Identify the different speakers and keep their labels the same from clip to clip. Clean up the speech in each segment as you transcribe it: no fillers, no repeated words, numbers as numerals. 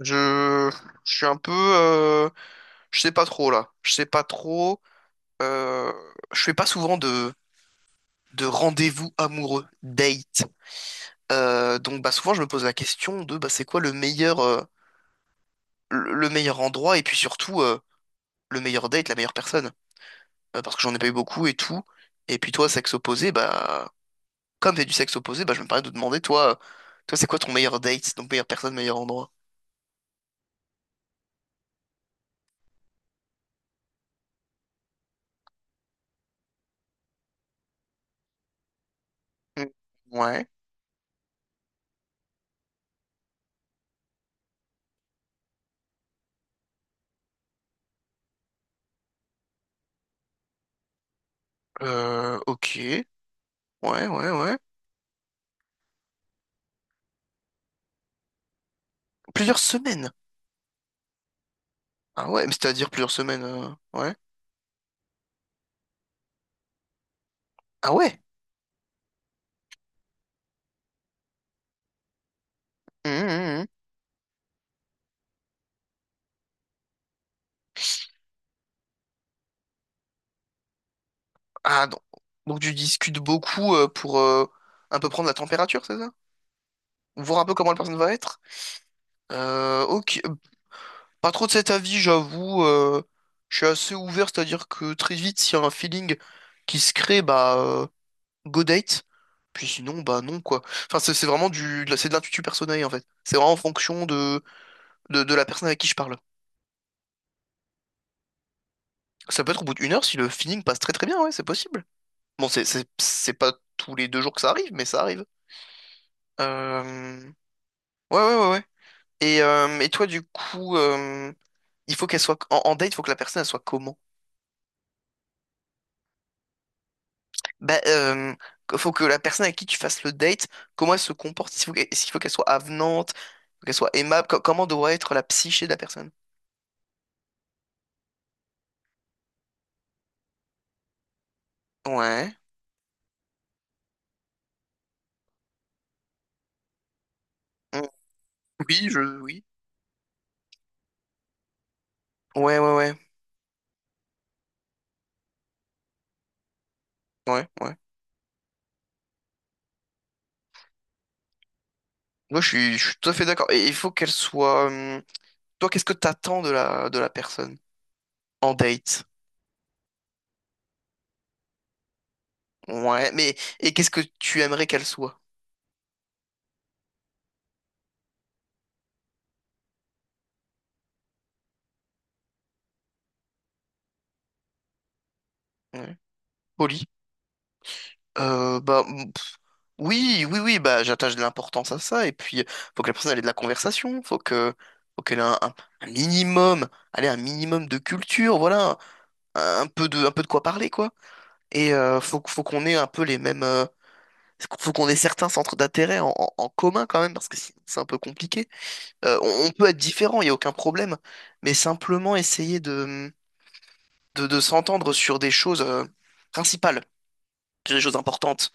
Speaker 1: Je, je suis un peu, je sais pas trop là. Je sais pas trop. euh, je fais pas souvent de, rendez-vous amoureux, date. Donc bah souvent je me pose la question de bah c'est quoi le meilleur, le meilleur endroit et puis surtout le meilleur date, la meilleure personne. Parce que j'en ai pas eu beaucoup et tout. Et puis toi sexe opposé, bah comme t'es du sexe opposé, bah je me permets de te demander toi, toi c'est quoi ton meilleur date, donc meilleure personne, meilleur endroit. Hmm. Ouais. Ok. Ouais, ouais, ouais. Plusieurs semaines. Ah ouais, mais c'est-à-dire plusieurs semaines. Ouais. Ah ouais. Hum, hum, hum. Ah donc tu discutes beaucoup pour un peu prendre la température, c'est ça? Voir un peu comment la personne va être. Ok, pas trop de cet avis, j'avoue. Je suis assez ouvert, c'est-à-dire que très vite, s'il y a un feeling qui se crée, bah go date. Puis sinon, bah non quoi. Enfin, c'est vraiment c'est de l'intuition personnelle en fait. C'est vraiment en fonction de la personne avec qui je parle. Ça peut être au bout d'une heure si le feeling passe très très bien, ouais, c'est possible. Bon, c'est pas tous les deux jours que ça arrive, mais ça arrive. Euh, Ouais, ouais, ouais, ouais. Et toi, du coup, il faut qu'elle soit. En date, il faut que la personne, elle soit comment? Bah, faut que la personne à qui tu fasses le date, comment elle se comporte? Est-ce qu'il faut qu'elle soit avenante? Faut qu'elle soit aimable? Comment doit être la psyché de la personne? Ouais. Mm. Oui, oui. Ouais, ouais, ouais. Ouais, ouais. Moi, je suis tout à fait d'accord. Et il faut qu'elle soit. Toi, qu'est-ce que t'attends de la personne en date? Ouais, mais et qu'est-ce que tu aimerais qu'elle soit? Ouais. Polie. Bah, oui, oui, oui, bah j'attache de l'importance à ça. Et puis faut que la personne elle ait de la conversation, faut qu'elle ait un minimum, allez, un minimum de culture, voilà, un peu de quoi parler quoi. Et faut qu'on ait un peu les mêmes, faut qu'on ait certains centres d'intérêt en commun quand même parce que sinon, c'est un peu compliqué. On peut être différent, il y a aucun problème, mais simplement essayer de s'entendre sur des choses principales, sur des choses importantes.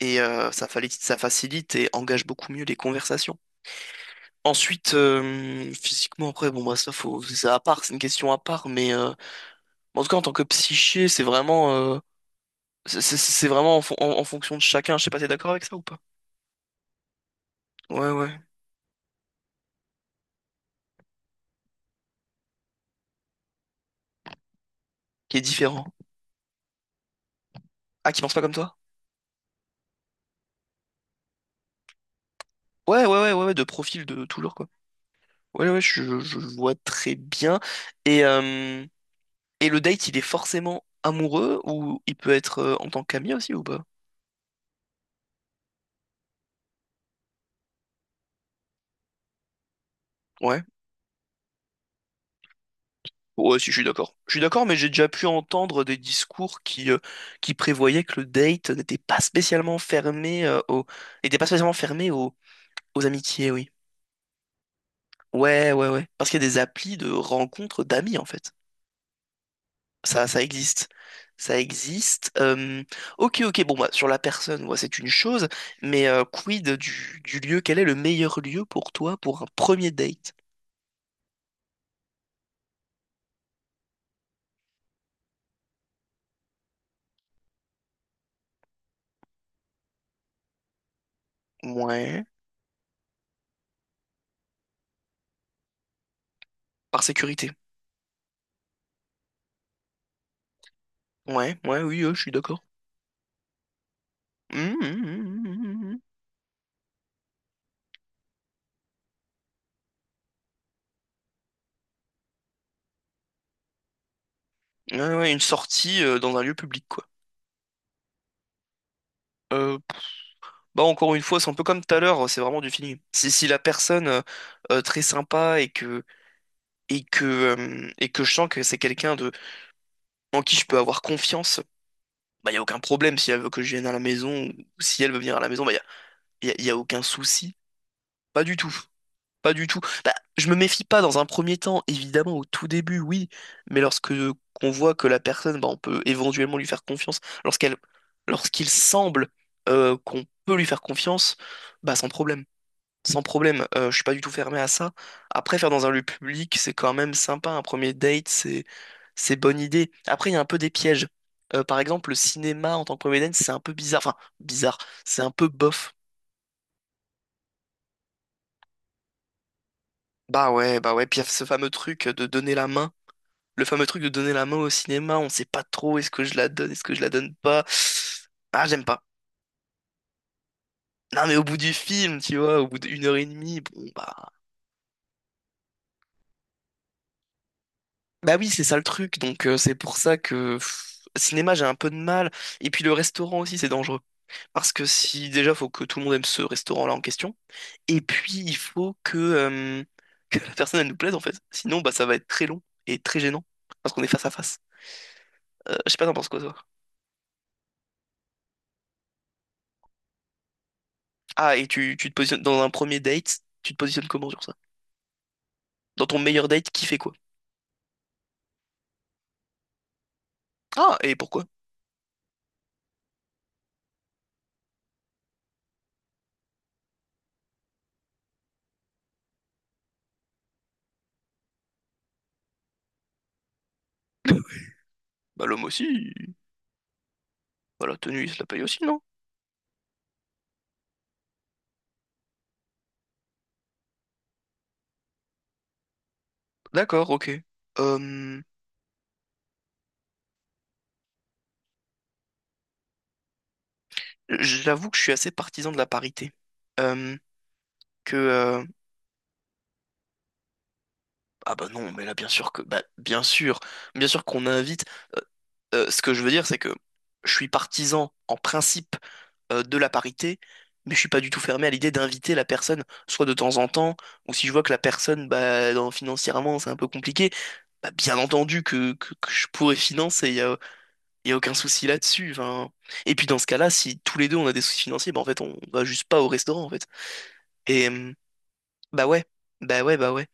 Speaker 1: Et ça facilite et engage beaucoup mieux les conversations. Ensuite, physiquement, après, bon, bah, ça, faut, c'est à part, c'est une question à part, mais en tout cas, en tant que psyché, c'est vraiment en fonction de chacun. Je sais pas, t'es d'accord avec ça ou pas? Ouais, ouais. Qui est différent. Ah, qui pense pas comme toi? Ouais, ouais, ouais, ouais, ouais, de profil de tout genre, quoi. Ouais, ouais, je vois très bien. Et, euh, Et le date, il est forcément amoureux ou il peut être en tant qu'ami aussi ou pas? Ouais. Ouais, si, je suis d'accord. Je suis d'accord, mais j'ai déjà pu entendre des discours qui prévoyaient que le date n'était pas spécialement fermé aux, n'était pas spécialement fermé aux amitiés, oui. Ouais, ouais, ouais. Parce qu'il y a des applis de rencontres d'amis, en fait. Ça existe. Ça existe. Ok, ok, bon, bah, sur la personne, ouais, c'est une chose, mais quid du lieu? Quel est le meilleur lieu pour toi pour un premier date? Ouais. Par sécurité. Ouais, ouais, oui, je suis d'accord. Hum, hum, hum, hum, Ouais, ouais, une sortie dans un lieu public, quoi. Euh, bah encore une fois, c'est un peu comme tout à l'heure, c'est vraiment du feeling. Si la personne très sympa et que et que je sens que c'est quelqu'un de en qui je peux avoir confiance, bah y a aucun problème si elle veut que je vienne à la maison ou si elle veut venir à la maison, bah y a aucun souci. Pas du tout. Pas du tout. Bah, je me méfie pas dans un premier temps, évidemment, au tout début, oui, mais lorsque qu'on voit que la personne, bah, on peut éventuellement lui faire confiance, lorsqu'il semble qu'on peut lui faire confiance, bah sans problème. Sans problème, je suis pas du tout fermé à ça. Après, faire dans un lieu public, c'est quand même sympa. Un premier date, c'est bonne idée. Après, il y a un peu des pièges. Par exemple, le cinéma en tant que premier date, c'est un peu bizarre. Enfin, bizarre. C'est un peu bof. Bah ouais, bah ouais. Puis il y a ce fameux truc de donner la main. Le fameux truc de donner la main au cinéma, on sait pas trop est-ce que je la donne, est-ce que je la donne pas. Ah, j'aime pas. Non, mais au bout du film, tu vois, au bout d'une heure et demie, bon, bah. Bah oui, c'est ça le truc, donc c'est pour ça que. Cinéma, j'ai un peu de mal. Et puis le restaurant aussi, c'est dangereux. Parce que si déjà, faut que tout le monde aime ce restaurant-là en question. Et puis, il faut que, que la personne, elle nous plaise, en fait. Sinon, bah, ça va être très long et très gênant. Parce qu'on est face à face. Je sais pas, t'en penses quoi, toi? Ah, et tu te positionnes dans un premier date, tu te positionnes comment sur ça? Dans ton meilleur date, qui fait quoi? Ah, et pourquoi? Bah l'homme aussi. Bah la tenue, il se la paye aussi, non? D'accord, ok. Euh, J'avoue que je suis assez partisan de la parité. Euh, que Ah bah non, mais là bien sûr que bien sûr qu'on invite. euh, ce que je veux dire, c'est que je suis partisan en principe de la parité, mais je suis pas du tout fermé à l'idée d'inviter la personne, soit de temps en temps, ou si je vois que la personne, bah financièrement, c'est un peu compliqué. Bah bien entendu que je pourrais financer. Il n'y a aucun souci là-dessus. Enfin. Et puis dans ce cas-là, si tous les deux on a des soucis financiers, bah en fait on va juste pas au restaurant en fait. Et bah ouais, bah ouais, bah ouais.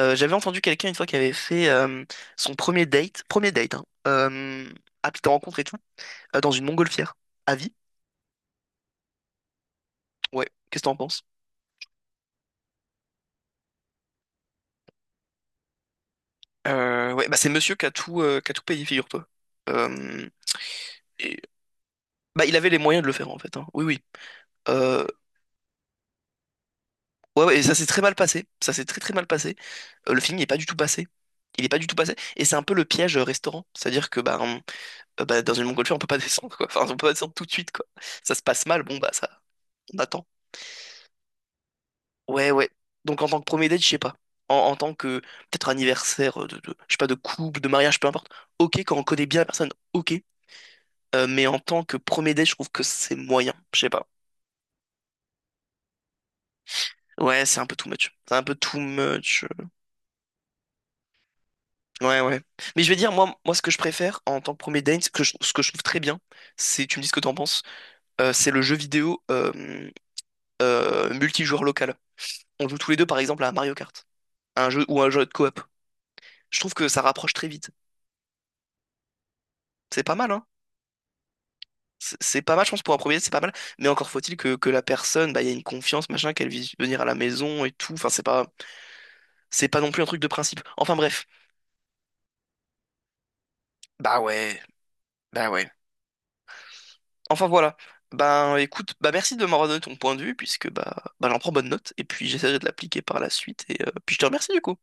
Speaker 1: J'avais entendu quelqu'un une fois qui avait fait son premier date, hein, app de rencontre et tout, dans une montgolfière. À vie? Ouais, qu'est-ce que t'en penses? Ouais, bah c'est monsieur qui a tout payé, figure-toi. Euh, et- Bah il avait les moyens de le faire en fait. Hein. Oui, oui. Euh, Ouais, ouais, et ça s'est très mal passé. Ça s'est très très mal passé. Le film n'est pas du tout passé. Il n'est pas du tout passé. Et c'est un peu le piège restaurant. C'est-à-dire que bah, bah, dans une montgolfière, on peut pas descendre, quoi. Enfin, on peut pas descendre tout de suite, quoi. Ça se passe mal, bon, bah ça, on attend. Ouais, ouais. Donc en tant que premier date, je sais pas. En tant que peut-être anniversaire je sais pas, de couple, de mariage, peu importe. Ok, quand on connaît bien la personne, ok. Mais en tant que premier date, je trouve que c'est moyen. Je sais pas. Ouais, c'est un peu too much. C'est un peu too much. Ouais, ouais. Mais je vais dire, moi, moi, ce que je préfère en tant que premier date, ce que je trouve très bien, c'est, tu me dis ce que t'en penses, c'est le jeu vidéo multijoueur local. On joue tous les deux, par exemple, à Mario Kart, un jeu ou un jeu de coop. Je trouve que ça rapproche très vite. C'est pas mal, hein? C'est pas mal, je pense, pour un premier date, c'est pas mal. Mais encore faut-il que la personne, bah, il y ait une confiance, machin, qu'elle vise venir à la maison et tout. Enfin, c'est pas non plus un truc de principe. Enfin, bref. Bah ouais, bah ouais. Enfin voilà. Ben écoute, bah merci de m'avoir donné ton point de vue puisque bah, bah j'en prends bonne note et puis j'essaierai de l'appliquer par la suite et puis je te remercie du coup.